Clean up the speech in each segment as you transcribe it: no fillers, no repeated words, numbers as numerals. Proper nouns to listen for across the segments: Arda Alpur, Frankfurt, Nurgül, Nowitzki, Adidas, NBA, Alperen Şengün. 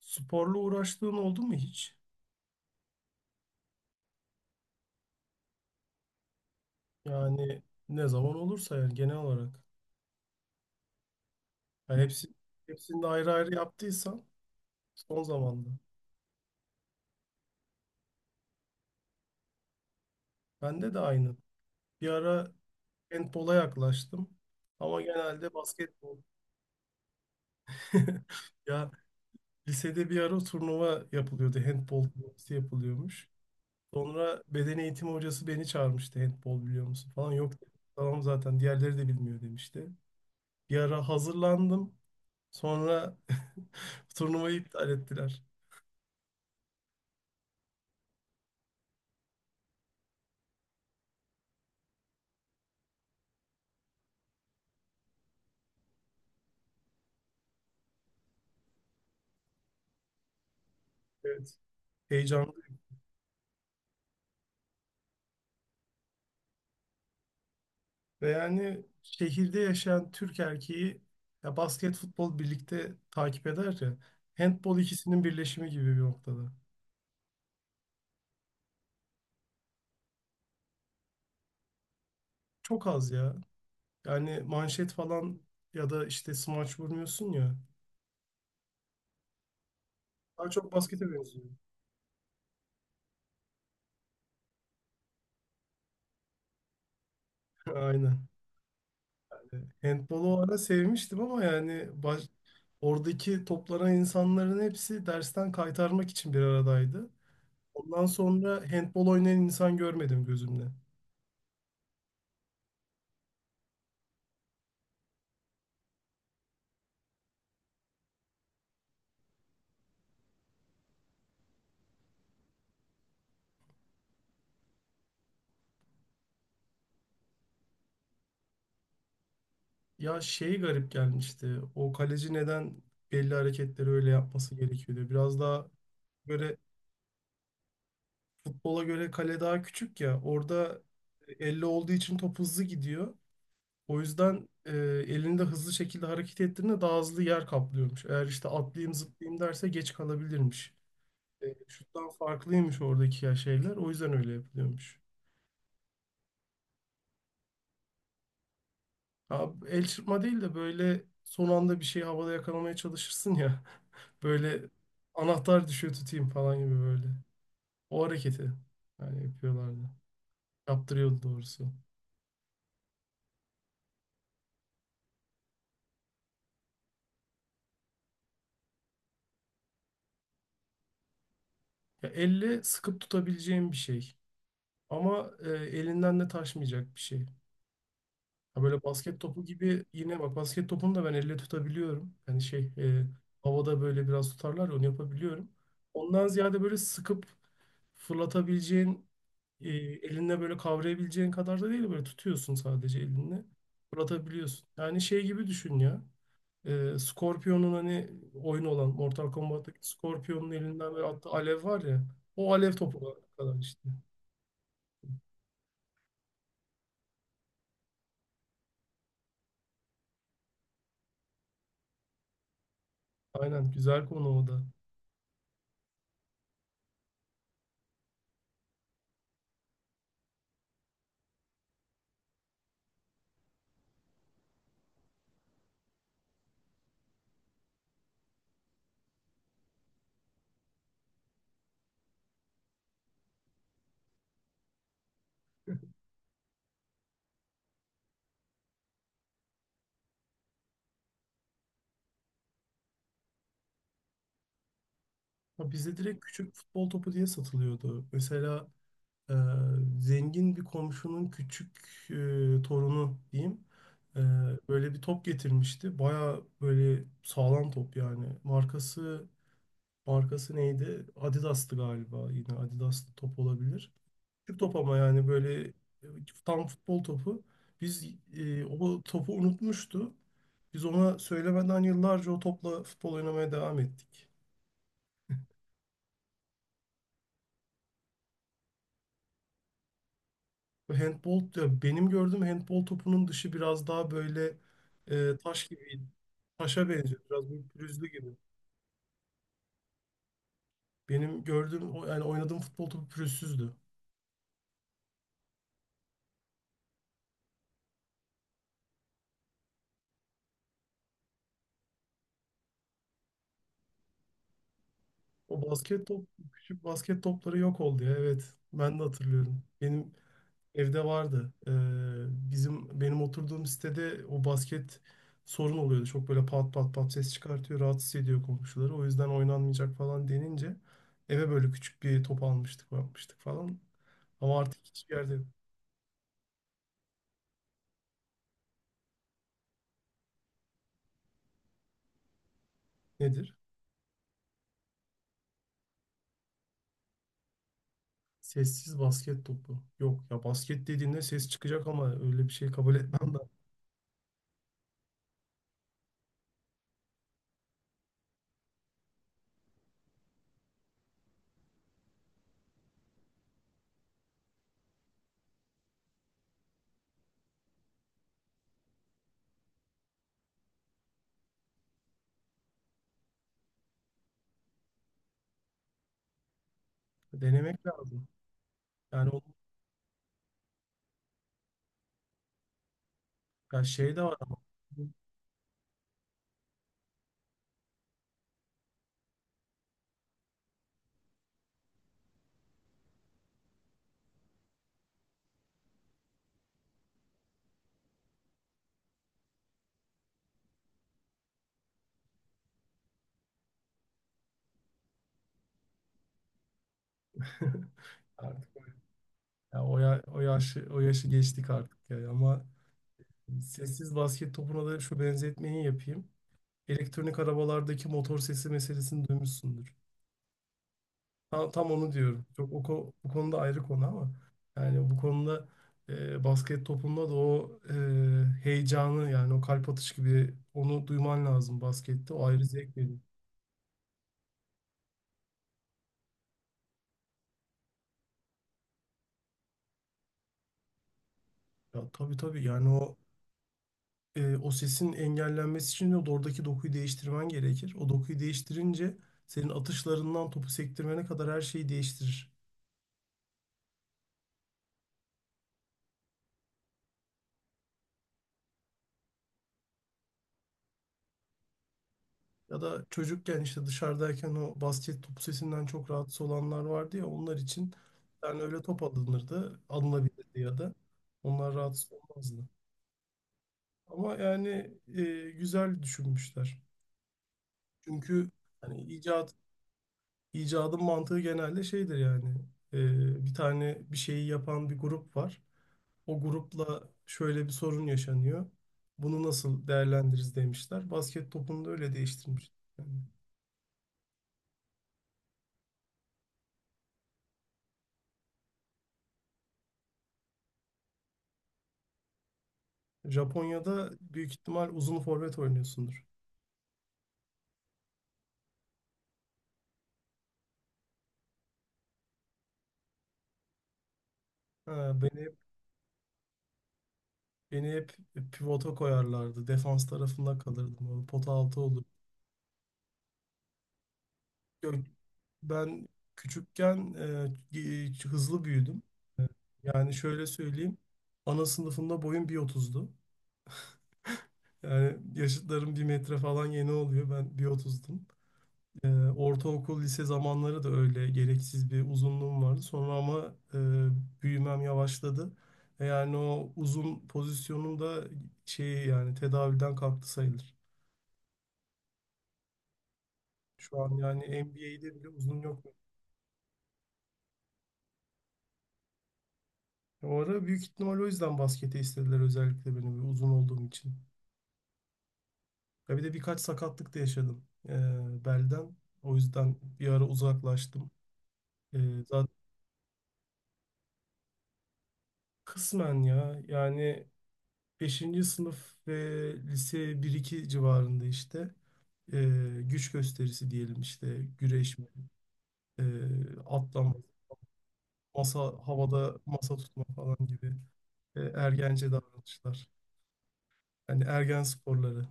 Sporla uğraştığın oldu mu hiç? Yani ne zaman olursa yani genel olarak. Yani hepsi, hepsini de ayrı ayrı yaptıysan son zamanda. Bende de aynı. Bir ara handbola yaklaştım. Ama genelde basketbol. Ya lisede bir ara turnuva yapılıyordu. Handbol turnuvası yapılıyormuş. Sonra beden eğitimi hocası beni çağırmıştı. Handbol biliyor musun falan. Yok dedim. Tamam zaten diğerleri de bilmiyor demişti. Bir ara hazırlandım. Sonra turnuvayı iptal ettiler. Evet. Heyecanlı. Ve yani şehirde yaşayan Türk erkeği ya basket, futbol birlikte takip eder ya. Handbol ikisinin birleşimi gibi bir noktada. Çok az ya. Yani manşet falan ya da işte smaç vurmuyorsun ya. Daha çok baskete benziyor. Aynen. Handbolu o ara sevmiştim, ama yani oradaki toplanan insanların hepsi dersten kaytarmak için bir aradaydı. Ondan sonra handbol oynayan insan görmedim gözümle. Ya şey garip gelmişti. O kaleci neden belli hareketleri öyle yapması gerekiyordu. Biraz daha böyle futbola göre kale daha küçük ya. Orada elle olduğu için top hızlı gidiyor. O yüzden elini de hızlı şekilde hareket ettiğinde daha hızlı yer kaplıyormuş. Eğer işte atlayayım zıplayayım derse geç kalabilirmiş. Şuttan farklıymış oradaki ya şeyler. O yüzden öyle yapılıyormuş. Ya el çırpma değil de böyle son anda bir şey havada yakalamaya çalışırsın ya. Böyle anahtar düşüyor tutayım falan gibi böyle. O hareketi yani yapıyorlardı. Yaptırıyordu doğrusu. Ya elle sıkıp tutabileceğim bir şey. Ama elinden de taşmayacak bir şey. Ha, böyle basket topu gibi. Yine bak, basket topunu da ben elle tutabiliyorum. Yani şey, havada böyle biraz tutarlar ya, onu yapabiliyorum. Ondan ziyade böyle sıkıp fırlatabileceğin, elinle böyle kavrayabileceğin kadar da değil, böyle tutuyorsun sadece elinle fırlatabiliyorsun. Yani şey gibi düşün ya. Scorpion'un hani oyun olan Mortal Kombat'taki Scorpion'un elinden böyle attığı alev var ya. O alev topu kadar işte. Aynen, güzel konu o da. Ya bizde direkt küçük futbol topu diye satılıyordu. Mesela e, zengin bir komşunun küçük, torunu diyeyim, e, böyle bir top getirmişti. Baya böyle sağlam top yani. Markası neydi? Adidas'tı galiba. Yine Adidas'lı top olabilir. Küçük top ama yani böyle tam futbol topu. Biz O topu unutmuştu. Biz ona söylemeden yıllarca o topla futbol oynamaya devam ettik. Handball, ya, benim gördüğüm handball topunun dışı biraz daha böyle, taş gibi, taşa benziyor, biraz böyle pürüzlü gibi. Benim gördüğüm yani oynadığım futbol topu pürüzsüzdü. O basket top, küçük basket topları yok oldu ya, evet ben de hatırlıyorum. Benim evde vardı. Bizim benim oturduğum sitede o basket sorun oluyordu. Çok böyle pat pat pat ses çıkartıyor, rahatsız ediyor komşuları. O yüzden oynanmayacak falan denince eve böyle küçük bir top almıştık, yapmıştık falan. Ama artık hiçbir yerde yok. Nedir? Sessiz basket topu. Yok ya, basket dediğinde ses çıkacak, ama öyle bir şey kabul etmem ben. Denemek lazım. Yani o, ya şey de var ama artık ya, o yaşı geçtik artık ya ama sessiz basket topuna da şu benzetmeyi yapayım. Elektronik arabalardaki motor sesi meselesini duymuşsundur. Tam onu diyorum. Çok bu konuda ayrı konu ama yani bu konuda, basket topunda da o heyecanı, yani o kalp atış gibi onu duyman lazım baskette. O ayrı zevk veriyor. Ya tabii tabii, yani o sesin engellenmesi için de oradaki dokuyu değiştirmen gerekir. O dokuyu değiştirince senin atışlarından topu sektirmene kadar her şeyi değiştirir. Ya da çocukken işte dışarıdayken o basket topu sesinden çok rahatsız olanlar vardı ya, onlar için yani öyle top alınırdı, alınabilirdi, ya da onlar rahatsız olmazdı. Ama yani güzel düşünmüşler. Çünkü hani icadın mantığı genelde şeydir yani, bir tane bir şeyi yapan bir grup var. O grupla şöyle bir sorun yaşanıyor. Bunu nasıl değerlendiririz demişler. Basket topunu da öyle değiştirmiş. Yani. Japonya'da büyük ihtimal uzun forvet oynuyorsundur. Ha, beni hep pivota koyarlardı. Defans tarafında kalırdım. O pota altı olur. Gö- Ben küçükken hızlı büyüdüm. Yani şöyle söyleyeyim. Ana sınıfında boyum bir otuzdu. Yani yaşıtlarım 1 metre falan yeni oluyor, ben bir otuzdum. Ee, Ortaokul, lise zamanları da öyle gereksiz bir uzunluğum vardı. Sonra ama büyümem yavaşladı. Yani o uzun pozisyonum da şey, yani tedavülden kalktı sayılır. Şu an yani NBA'de bile uzun yok. O ara büyük ihtimal o yüzden baskete istediler özellikle beni, bir uzun olduğum için. Ya bir de birkaç sakatlık da yaşadım, belden. O yüzden bir ara uzaklaştım. E, Zaten kısmen ya yani beşinci sınıf ve lise bir iki civarında işte, e, güç gösterisi diyelim, işte güreşme, e, atlama, masa havada masa tutma falan gibi ergence davranışlar. Yani ergen sporları.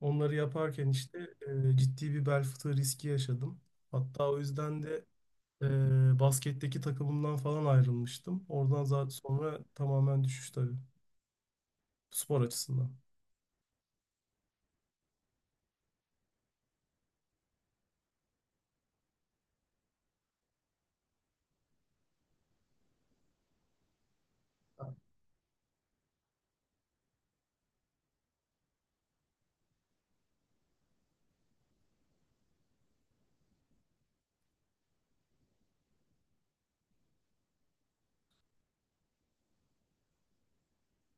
Onları yaparken işte ciddi bir bel fıtığı riski yaşadım. Hatta o yüzden de basketteki takımımdan falan ayrılmıştım. Oradan zaten sonra tamamen düşüş tabii, spor açısından.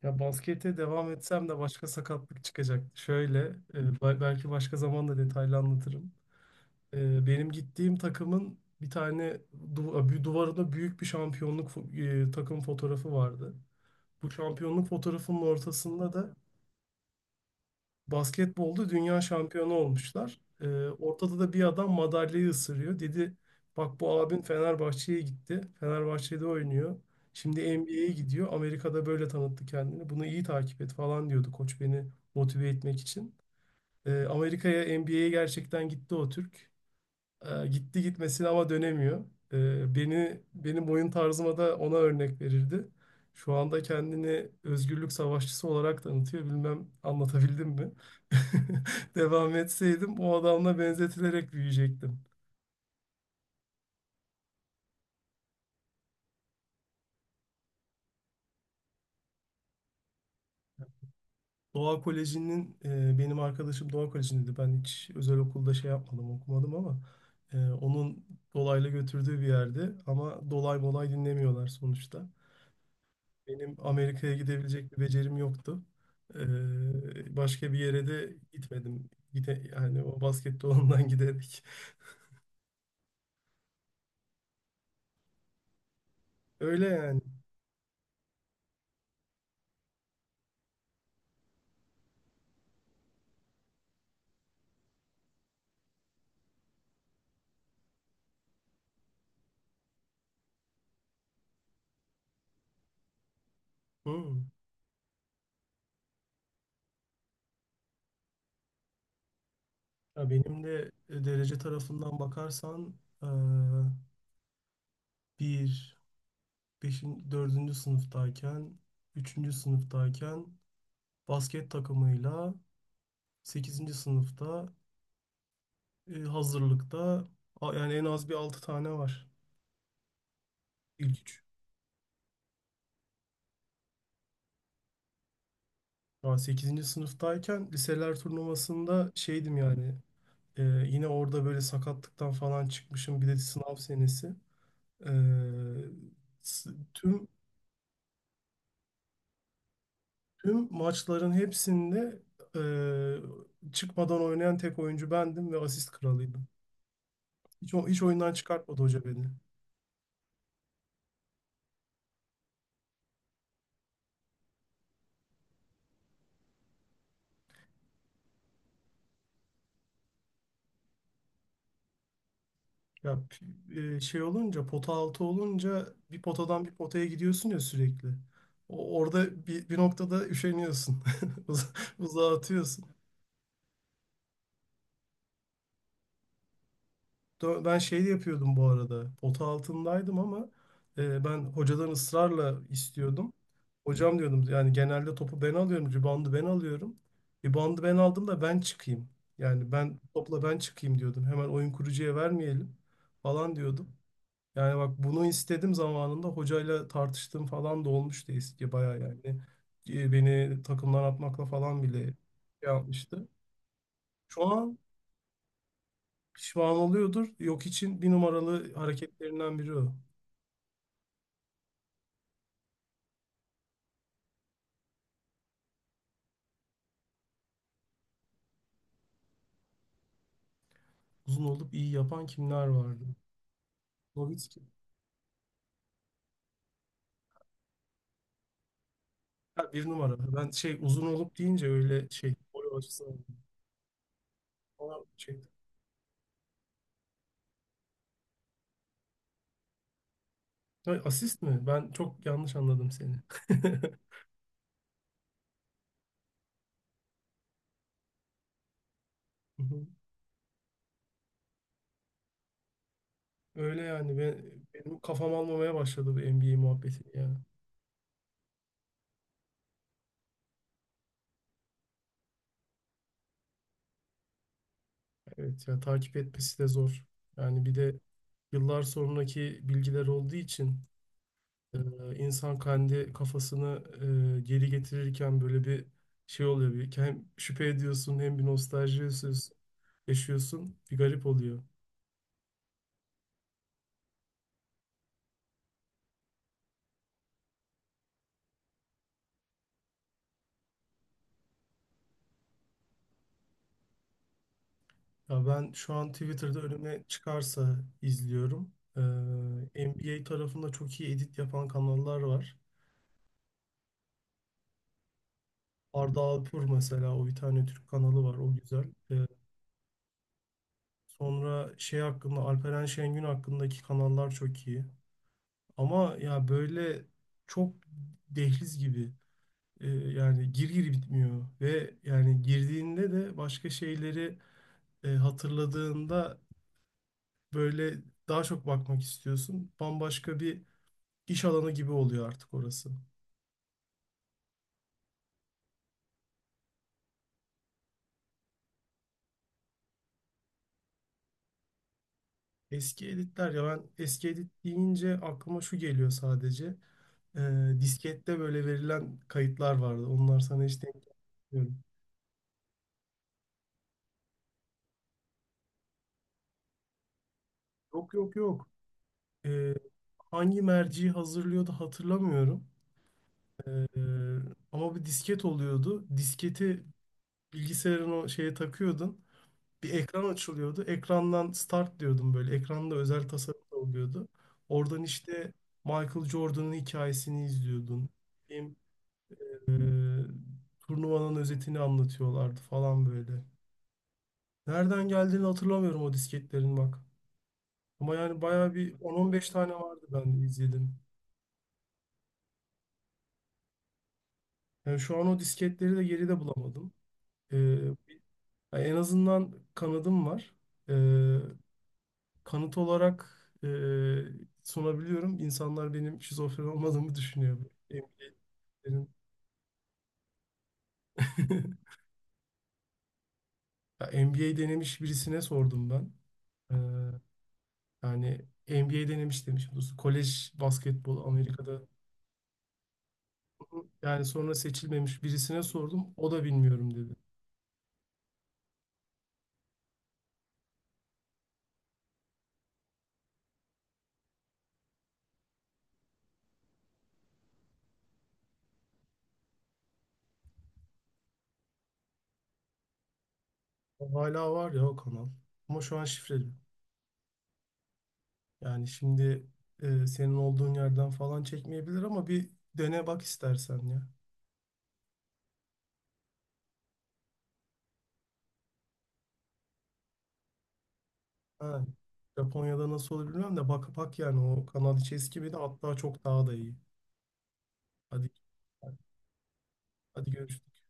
Ya baskete devam etsem de başka sakatlık çıkacak. Şöyle, belki başka zaman da detaylı anlatırım. E, benim gittiğim takımın bir tane bir duvarında büyük bir şampiyonluk, takım fotoğrafı vardı. Bu şampiyonluk fotoğrafının ortasında da basketbolda dünya şampiyonu olmuşlar. Ortada da bir adam madalyayı ısırıyor. Dedi, bak bu abin Fenerbahçe'ye gitti, Fenerbahçe'de oynuyor, şimdi NBA'ye gidiyor. Amerika'da böyle tanıttı kendini. Bunu iyi takip et falan diyordu koç, beni motive etmek için. Amerika'ya, NBA'ye gerçekten gitti o Türk. Gitti gitmesine ama dönemiyor. Benim oyun tarzıma da ona örnek verirdi. Şu anda kendini özgürlük savaşçısı olarak tanıtıyor. Bilmem anlatabildim mi? Devam etseydim o adamla benzetilerek büyüyecektim. Doğa Koleji'nin, benim arkadaşım Doğa Koleji'ndeydi. Ben hiç özel okulda şey yapmadım, okumadım, ama onun dolaylı götürdüğü bir yerde. Ama dolay molay dinlemiyorlar sonuçta. Benim Amerika'ya gidebilecek bir becerim yoktu. Başka bir yere de gitmedim. Yani o baskette olandan giderek. Öyle yani. Hmm. Ya benim de derece tarafından bakarsan, eee, bir, dördüncü sınıftayken, üçüncü sınıftayken basket takımıyla, sekizinci sınıfta, hazırlıkta, yani en az bir altı tane var. İlk üç. Daha 8. sınıftayken liseler turnuvasında şeydim yani, yine orada böyle sakatlıktan falan çıkmışım, bir de sınav senesi. E, Tüm, maçların hepsinde çıkmadan oynayan tek oyuncu bendim ve asist kralıydım. Hiç oyundan çıkartmadı hoca beni. Ya şey olunca, pota altı olunca bir potadan bir potaya gidiyorsun ya sürekli. Orada bir noktada üşeniyorsun. Uz- Uzağa atıyorsun. Ben şey de yapıyordum bu arada. Pota altındaydım, ama ben hocadan ısrarla istiyordum. Hocam diyordum, yani genelde topu ben alıyorum, ribandı ben alıyorum, ribandı ben aldım da ben çıkayım. Yani ben topla ben çıkayım diyordum, hemen oyun kurucuya vermeyelim falan diyordum. Yani bak, bunu istedim zamanında, hocayla tartıştığım falan da olmuştu, eski bayağı yani. Beni takımdan atmakla falan bile şey yapmıştı. Şu an pişman oluyordur. Yok için bir numaralı hareketlerinden biri o. Uzun olup iyi yapan kimler vardı? Nowitzki. Ha, bir numara. Ben şey, uzun olup deyince öyle şey, boy açısından. Ona şey. Ha, asist mi? Ben çok yanlış anladım seni. Hı hı. Öyle yani, benim kafam almamaya başladı bu NBA muhabbeti ya. Evet ya, takip etmesi de zor. Yani bir de yıllar sonraki bilgiler olduğu için insan kendi kafasını geri getirirken böyle bir şey oluyor. Bir, hem şüphe ediyorsun hem bir nostalji yaşıyorsun. Bir garip oluyor. Ya ben şu an Twitter'da önüme çıkarsa izliyorum. NBA tarafında çok iyi edit yapan kanallar var. Arda Alpur mesela, o bir tane Türk kanalı var, o güzel. Ee, Sonra şey hakkında, Alperen Şengün hakkındaki kanallar çok iyi. Ama ya böyle çok dehliz gibi. Yani gir gir bitmiyor, ve yani girdiğinde de başka şeyleri hatırladığında böyle daha çok bakmak istiyorsun. Bambaşka bir iş alanı gibi oluyor artık orası. Eski editler, ya ben eski edit deyince aklıma şu geliyor sadece. Diskette böyle verilen kayıtlar vardı. Onlar sana hiç denk gelmiyorum. Yok yok yok. E, Hangi merci hazırlıyordu hatırlamıyorum. E, Ama bir disket oluyordu. Disketi bilgisayarın o şeye takıyordun. Bir ekran açılıyordu. Ekrandan start diyordum böyle. Ekranda özel tasarım da oluyordu. Oradan işte Michael Jordan'ın hikayesini izliyordun. Benim, Turnuvanın özetini anlatıyorlardı falan böyle. Nereden geldiğini hatırlamıyorum o disketlerin bak. Ama yani bayağı bir 10-15 tane vardı ben de izledim. Yani şu an o disketleri de geride bulamadım. E, Yani en azından kanadım var, E, kanıt olarak e, sunabiliyorum. İnsanlar benim şizofren olmadığımı düşünüyor. MBA'lerin. Ya MBA denemiş birisine sordum ben. Ee, Yani MBA denemiş demiş. Bu kolej basketbolu Amerika'da. Yani sonra seçilmemiş birisine sordum, o da bilmiyorum dedi. O hala var ya o kanal. Ama şu an şifreli. Yani şimdi, senin olduğun yerden falan çekmeyebilir ama bir dene bak istersen ya. Ha, Japonya'da nasıl olur bilmiyorum da, bak bak yani, o kanal içi eski biri hatta çok daha da iyi. Hadi hadi görüşürüz.